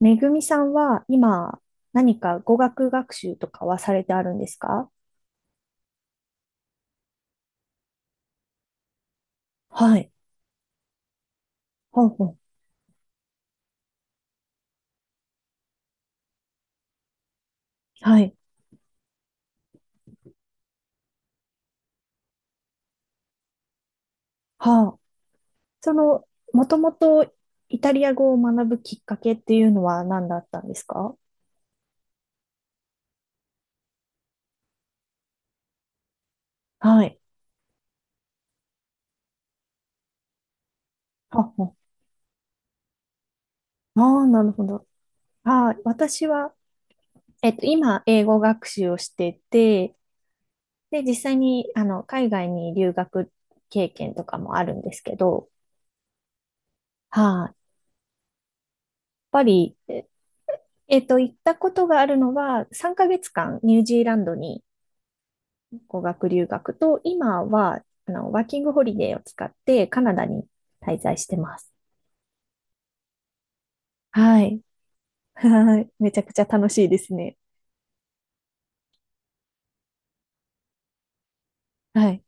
めぐみさんは今何か語学学習とかはされてあるんですか？はい。ほうほう。はい。はあ。その、もともとイタリア語を学ぶきっかけっていうのは何だったんですか？はい。はあはあ。ああ、なるほど。ああ、私は、今、英語学習をしてて、で、実際に、海外に留学経験とかもあるんですけど、はい、やっぱり、行ったことがあるのは、3ヶ月間ニュージーランドに語学留学と、今は、ワーキングホリデーを使ってカナダに滞在してます。はい。はい。めちゃくちゃ楽しいですね。はい。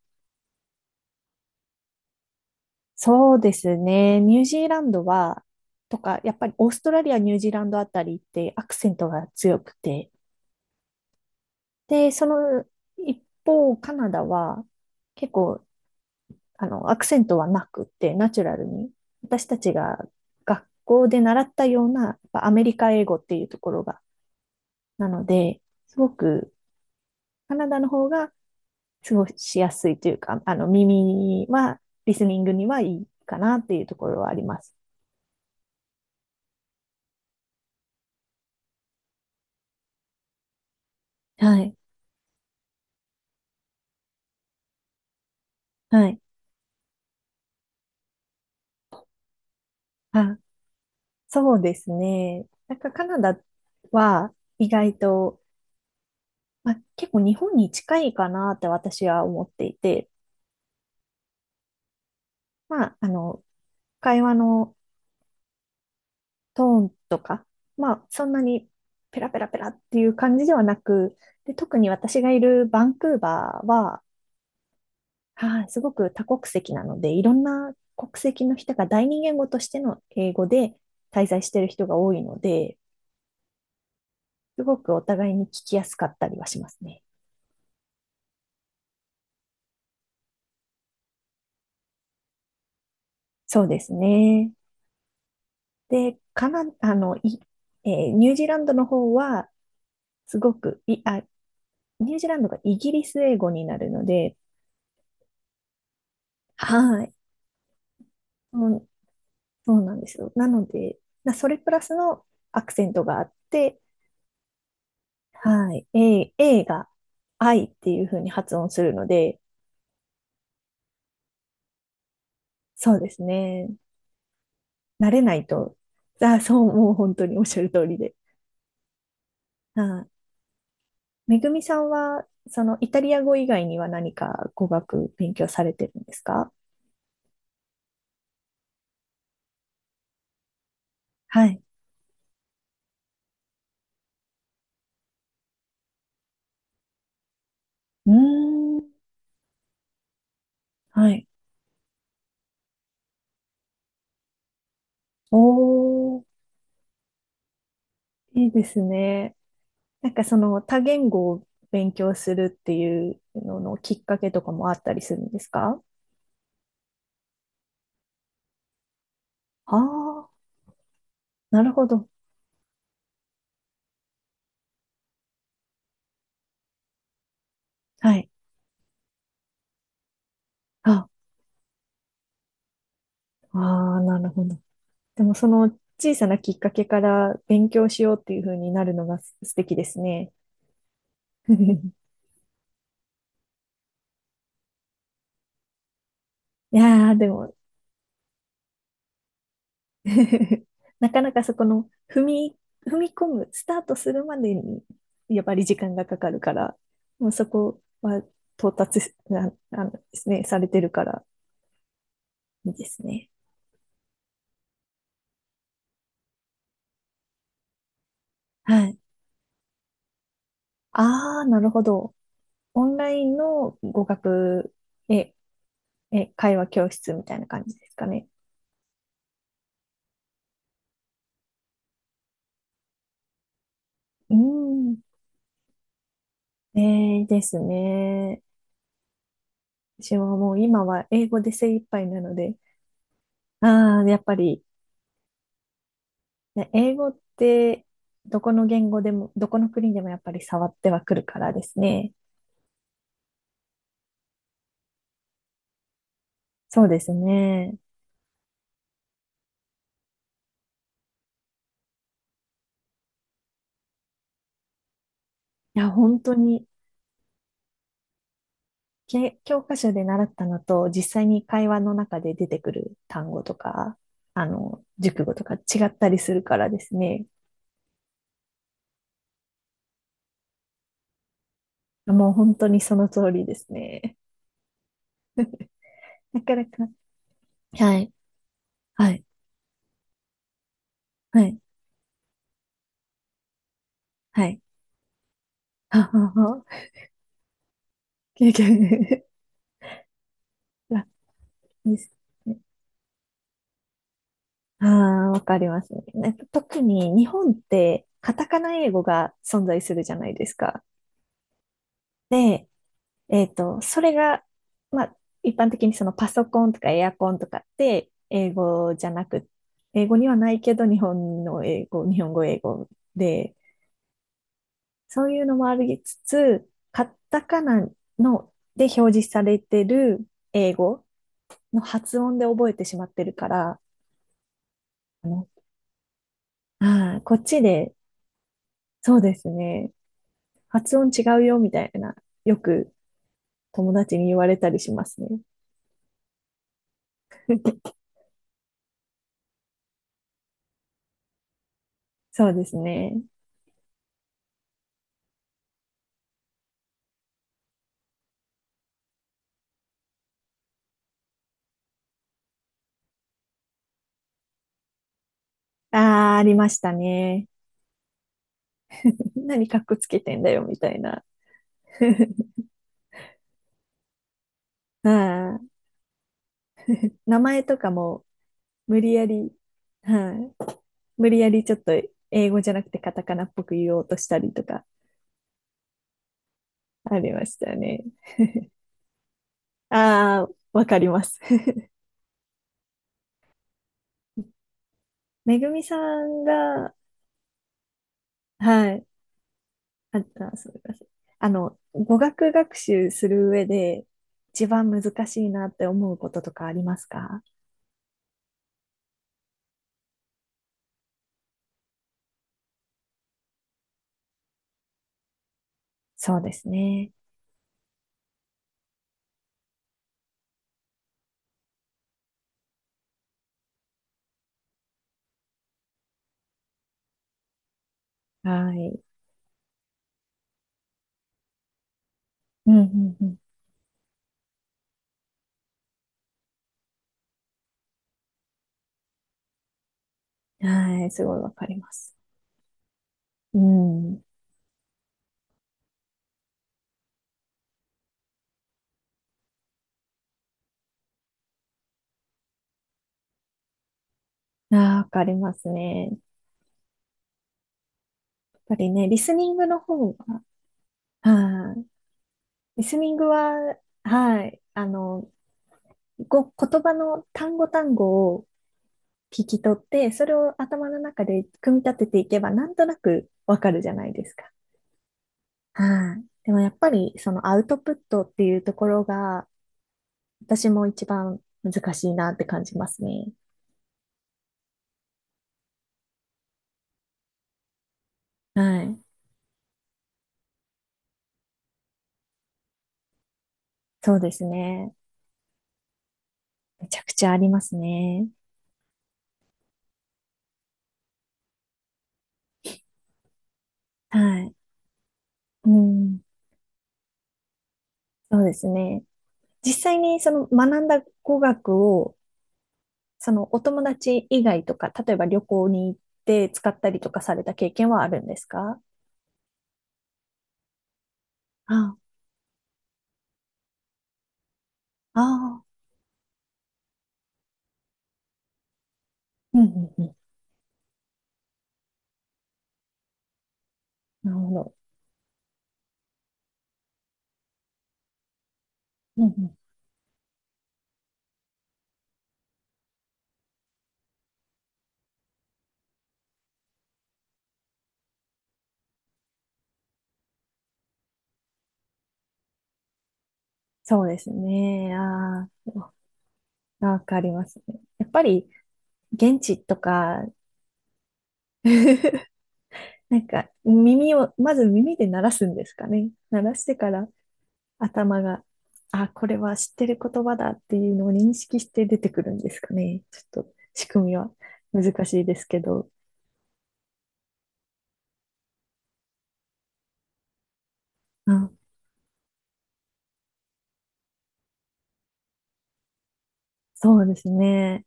そうですね。ニュージーランドは、とか、やっぱりオーストラリア、ニュージーランドあたりってアクセントが強くて、で、その一方、カナダは結構アクセントはなくって、ナチュラルに、私たちが学校で習ったような、アメリカ英語っていうところが、なので、すごく、カナダの方が過ごしやすいというか、耳は、リスニングにはいいかなっていうところはあります。はい。はい。あ、そうですね。なんかカナダは意外と、まあ、結構日本に近いかなって私は思っていて、まあ、会話のトーンとか、まあ、そんなにペラペラペラっていう感じではなく、で、特に私がいるバンクーバーは、はい、すごく多国籍なので、いろんな国籍の人が第二言語としての英語で滞在している人が多いので、すごくお互いに聞きやすかったりはしますね。そうですね。で、カナ、あの、い、えーニュージーランドの方は、すごく、ニュージーランドがイギリス英語になるので、はい。うん、そうなんですよ。なので、それプラスのアクセントがあって、はい。A、A が I っていう風に発音するので、そうですね。慣れないと、あ、そう、もう本当におっしゃる通りで。はい。めぐみさんは、そのイタリア語以外には何か語学勉強されてるんですか？はい。うーん。はい。おー、いいですね。なんかその多言語を勉強するっていうののきっかけとかもあったりするんですか？ああ、なるほど。はい。あ、ああ、なるほど。でもその小さなきっかけから勉強しようっていう風になるのが素敵ですね。いやー、でも なかなかそこの踏み込む、スタートするまでにやっぱり時間がかかるから、もうそこは到達すな、あのですね、されてるからいいですね。はい。ああ、なるほど。オンラインの語学、え、会話教室みたいな感じですかね。うん。ですね。私はもう今は英語で精一杯なので、ああ、やっぱり、ね、英語ってどこの言語でも、どこの国でもやっぱり触ってはくるからですね。そうですね。いや、本当に教科書で習ったのと、実際に会話の中で出てくる単語とか、熟語とか違ったりするからですね。もう本当にその通りですね。なかなか。はい。はい。はい。はい。ははは。経験楽ですね。ああ、わかりますね。なんか特に日本ってカタカナ英語が存在するじゃないですか。で、それが、まあ、一般的にそのパソコンとかエアコンとかって英語じゃなく、英語にはないけど日本の英語、日本語英語で、そういうのもありつつ、カタカナので表示されてる英語の発音で覚えてしまってるから、あの、こっちで、そうですね、発音違うよみたいな、よく友達に言われたりしますね。そうですね。ああ、ありましたね。何かっこつけてんだよ、みたいな はい、名前とかも無理やり、はい、無理やりちょっと英語じゃなくてカタカナっぽく言おうとしたりとかありましたね。ああ、わかります めぐみさんが、はい、あった、すみません。語学学習する上で一番難しいなって思うこととかありますか？そうですね。はい。うんうんうん。はい、すごいわかります。うん。ああ、わかりますね。やっぱりね、リスニングの方が、はい。リスニングは、はい。言葉の単語単語を聞き取って、それを頭の中で組み立てていけば、なんとなくわかるじゃないですか。はい。でもやっぱり、そのアウトプットっていうところが、私も一番難しいなって感じますね。はい。そうですね。めちゃくちゃありますね。はい。うん。そうですね。実際にその学んだ語学を、そのお友達以外とか、例えば旅行に行って使ったりとかされた経験はあるんですか？ああ、ああ、うんうんうん。なるほど。うんうん。そうですね。ああ、わかりますね。やっぱり現地とか、なんかまず耳で鳴らすんですかね。鳴らしてから頭が、あ、これは知ってる言葉だっていうのを認識して出てくるんですかね。ちょっと仕組みは難しいですけど。あ、そうですね。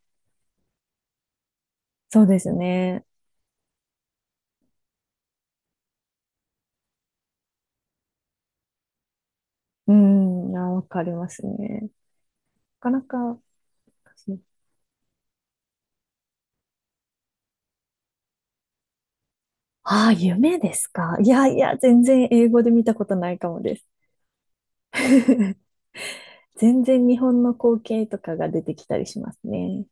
そうですね。うん、あ、わかりますね。なかなか、ああ、夢ですか。いやいや、全然英語で見たことないかもです。全然日本の光景とかが出てきたりしますね。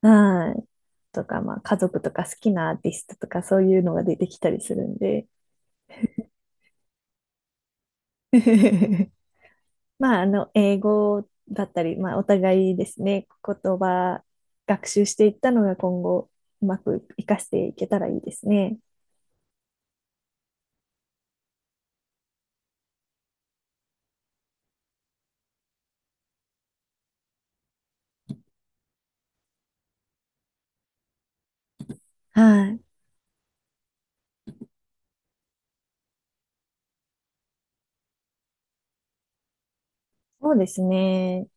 はい。とか、まあ、家族とか好きなアーティストとかそういうのが出てきたりするんで。まあ、英語だったり、まあ、お互いですね、言葉学習していったのが今後、うまく活かしていけたらいいですね。はい。そうですね。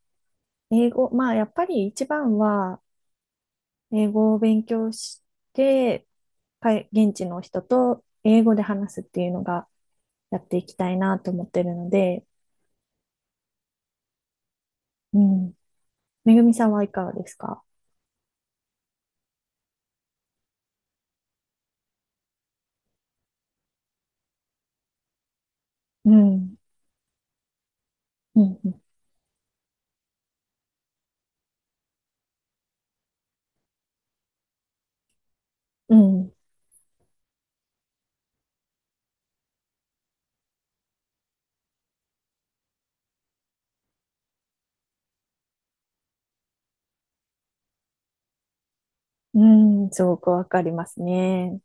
英語、まあ、やっぱり一番は、英語を勉強して、現地の人と英語で話すっていうのが、やっていきたいなと思ってるので、うん。めぐみさんはいかがですか？うん。うん。うん。うん。うん、すごくわかりますね。